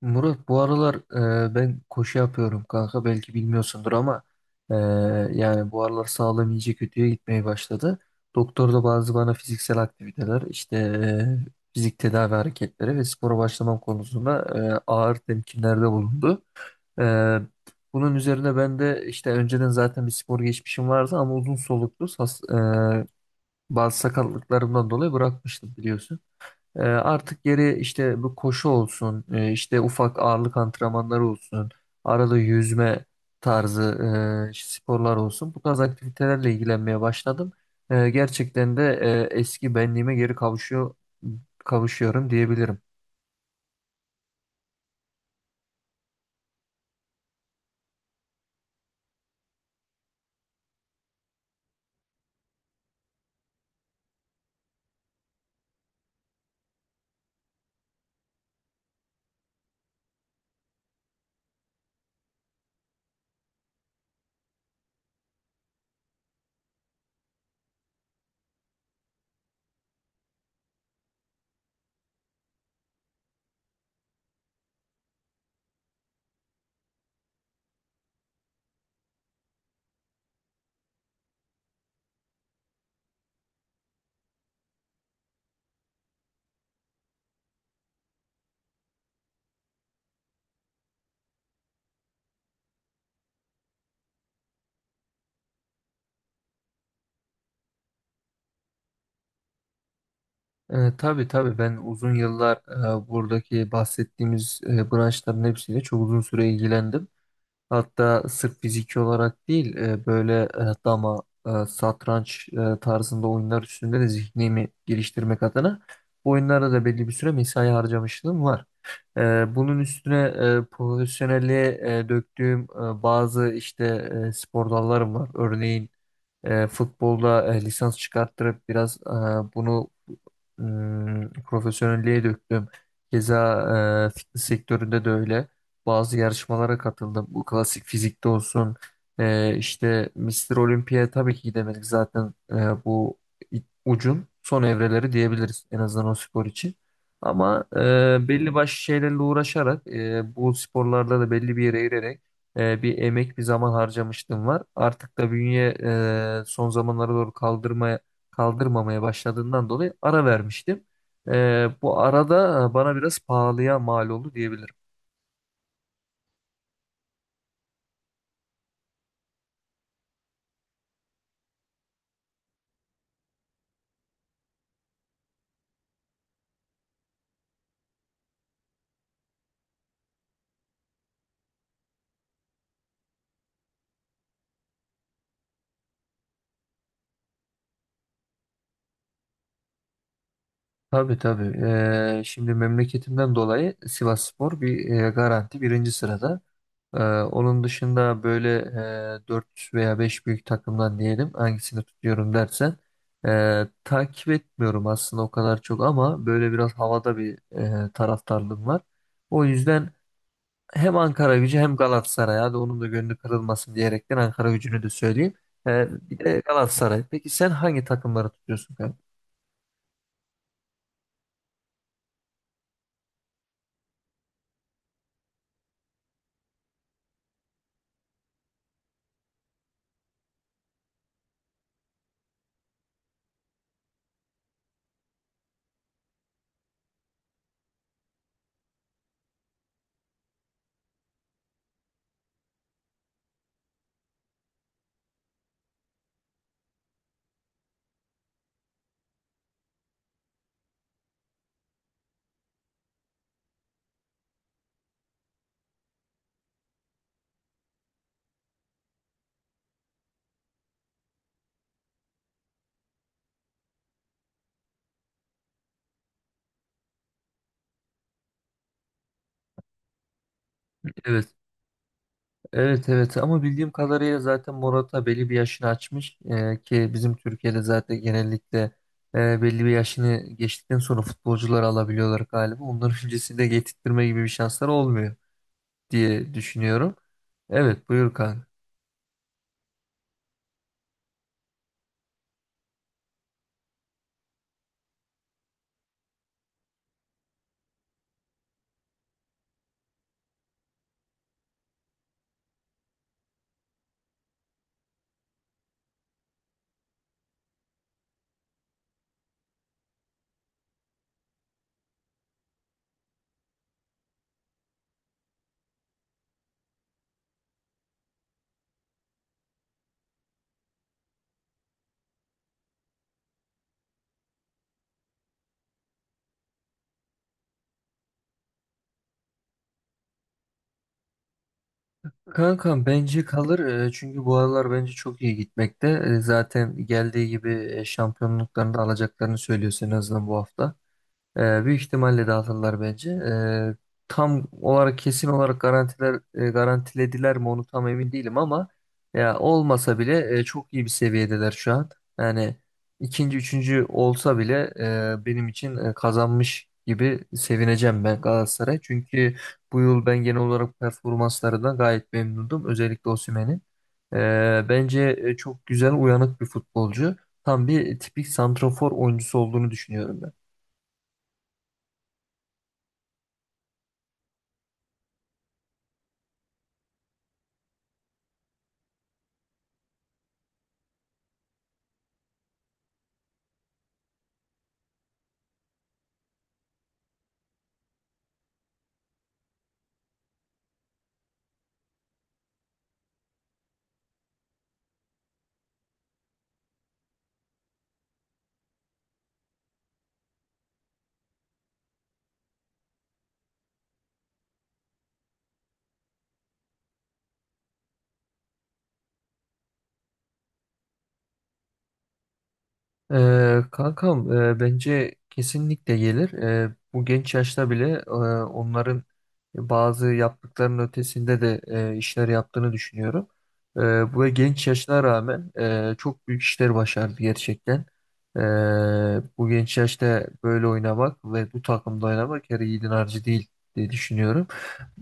Murat bu aralar, ben koşu yapıyorum kanka, belki bilmiyorsundur ama e, yani bu aralar sağlığım iyice kötüye gitmeye başladı. Doktor da bazı bana fiziksel aktiviteler işte, fizik tedavi hareketleri ve spora başlamam konusunda ağır temkinlerde bulundu. E, Bunun üzerine ben de işte önceden zaten bir spor geçmişim vardı ama uzun soluklu e, bazı sakatlıklarımdan dolayı bırakmıştım biliyorsun. Artık geri işte bu koşu olsun, işte ufak ağırlık antrenmanları olsun, arada yüzme tarzı sporlar olsun. Bu tarz aktivitelerle ilgilenmeye başladım. Gerçekten de eski benliğime geri kavuşuyorum diyebilirim. Tabii tabii, ben uzun yıllar buradaki bahsettiğimiz branşların hepsiyle çok uzun süre ilgilendim. Hatta sırf fiziki olarak değil, böyle dama, satranç tarzında oyunlar üstünde de zihnimi geliştirmek adına bu oyunlara da belli bir süre mesai harcamışlığım var. Bunun üstüne profesyonelliğe döktüğüm bazı işte spor dallarım var. Örneğin futbolda lisans çıkarttırıp biraz bunu profesyonelliğe döktüm. Keza fitness sektöründe de öyle. Bazı yarışmalara katıldım. Bu klasik fizikte olsun. İşte Mr. Olympia, tabii ki gidemedik zaten, bu ucun son evreleri diyebiliriz en azından o spor için. Ama belli başlı şeylerle uğraşarak bu sporlarda da belli bir yere girerek bir emek bir zaman harcamıştım var. Artık da bünye son zamanlara doğru kaldırmamaya başladığından dolayı ara vermiştim. Bu arada bana biraz pahalıya mal oldu diyebilirim. Tabii tabii. Şimdi memleketimden dolayı Sivasspor bir garanti birinci sırada. Onun dışında böyle 4 veya 5 büyük takımdan diyelim, hangisini tutuyorum dersen, takip etmiyorum aslında o kadar çok, ama böyle biraz havada bir taraftarlığım var. O yüzden hem Ankaragücü hem Galatasaray, hadi onun da gönlü kırılmasın diyerekten Ankaragücü'nü de söyleyeyim. Bir de Galatasaray. Peki sen hangi takımları tutuyorsun kanka? Evet. Evet evet, ama bildiğim kadarıyla zaten Morata belli bir yaşını açmış. Ki bizim Türkiye'de zaten genellikle belli bir yaşını geçtikten sonra futbolcuları alabiliyorlar galiba. Onların öncesinde getirtme gibi bir şansları olmuyor diye düşünüyorum. Evet, buyur kanka. Kankam, bence kalır. Çünkü bu aralar bence çok iyi gitmekte. Zaten geldiği gibi şampiyonluklarını da alacaklarını söylüyorsun en azından bu hafta. Büyük ihtimalle dağıtırlar bence. Tam olarak kesin olarak garantilediler mi onu tam emin değilim, ama ya olmasa bile çok iyi bir seviyedeler şu an. Yani ikinci, üçüncü olsa bile benim için kazanmış gibi sevineceğim ben Galatasaray. Çünkü bu yıl ben genel olarak performanslarından gayet memnundum. Özellikle Osimhen'in. Bence çok güzel uyanık bir futbolcu. Tam bir tipik santrafor oyuncusu olduğunu düşünüyorum ben. Kankam, bence kesinlikle gelir. Bu genç yaşta bile onların bazı yaptıklarının ötesinde de işler yaptığını düşünüyorum. Ee, Bu genç yaşına rağmen çok büyük işler başardı gerçekten. Ee, Bu genç yaşta böyle oynamak ve bu takımda oynamak her yiğidin harcı değil diye düşünüyorum.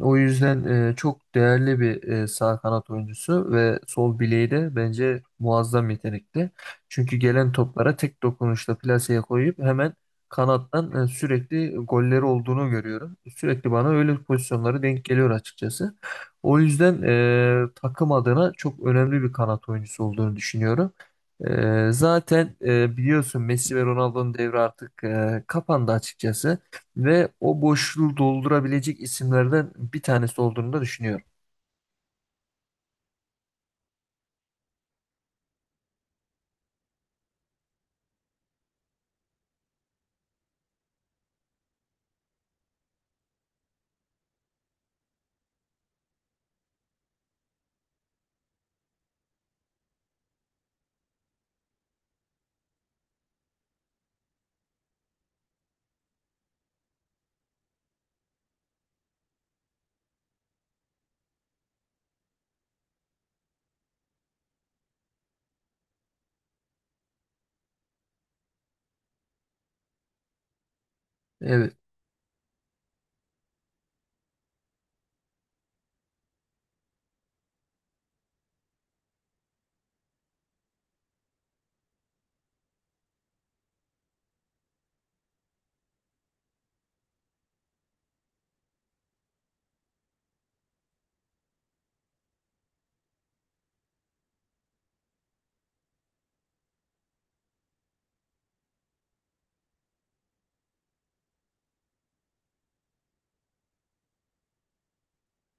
O yüzden çok değerli bir sağ kanat oyuncusu ve sol bileği de bence muazzam yetenekli. Çünkü gelen toplara tek dokunuşla plaseye koyup hemen kanattan sürekli golleri olduğunu görüyorum. Sürekli bana öyle pozisyonları denk geliyor açıkçası. O yüzden takım adına çok önemli bir kanat oyuncusu olduğunu düşünüyorum. Zaten biliyorsun Messi ve Ronaldo'nun devri artık kapandı açıkçası ve o boşluğu doldurabilecek isimlerden bir tanesi olduğunu da düşünüyorum. Evet.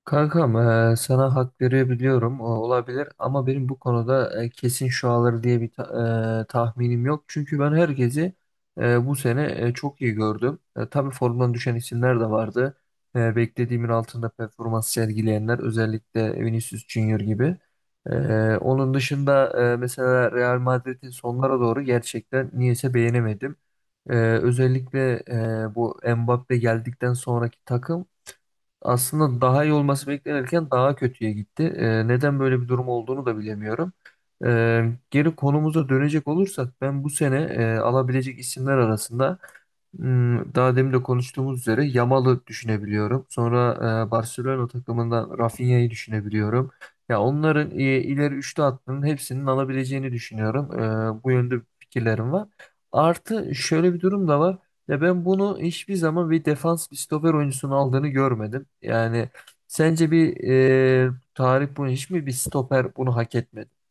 Kankam, sana hak verebiliyorum, o olabilir, ama benim bu konuda kesin şu alır diye bir tahminim yok. Çünkü ben herkesi bu sene çok iyi gördüm. Tabii formdan düşen isimler de vardı. Beklediğimin altında performans sergileyenler özellikle Vinicius Junior gibi. E, Onun dışında mesela Real Madrid'in sonlara doğru gerçekten niyeyse beğenemedim. Özellikle bu Mbappe geldikten sonraki takım aslında daha iyi olması beklenirken daha kötüye gitti. Neden böyle bir durum olduğunu da bilemiyorum. Geri konumuza dönecek olursak, ben bu sene alabilecek isimler arasında daha demin de konuştuğumuz üzere Yamal'ı düşünebiliyorum. Sonra Barcelona takımından Rafinha'yı düşünebiliyorum. Ya onların ileri üçlü hattının hepsinin alabileceğini düşünüyorum. Bu yönde fikirlerim var. Artı şöyle bir durum da var. Ya ben bunu hiçbir zaman bir defans, bir stoper oyuncusunun aldığını görmedim. Yani sence bir tarih bunu hiç mi bir stoper bunu hak etmedi?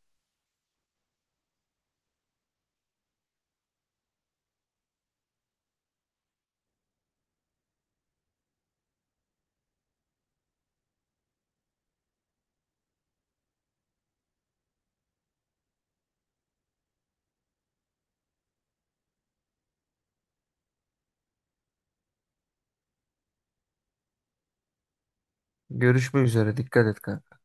Görüşmek üzere. Dikkat et kardeşim.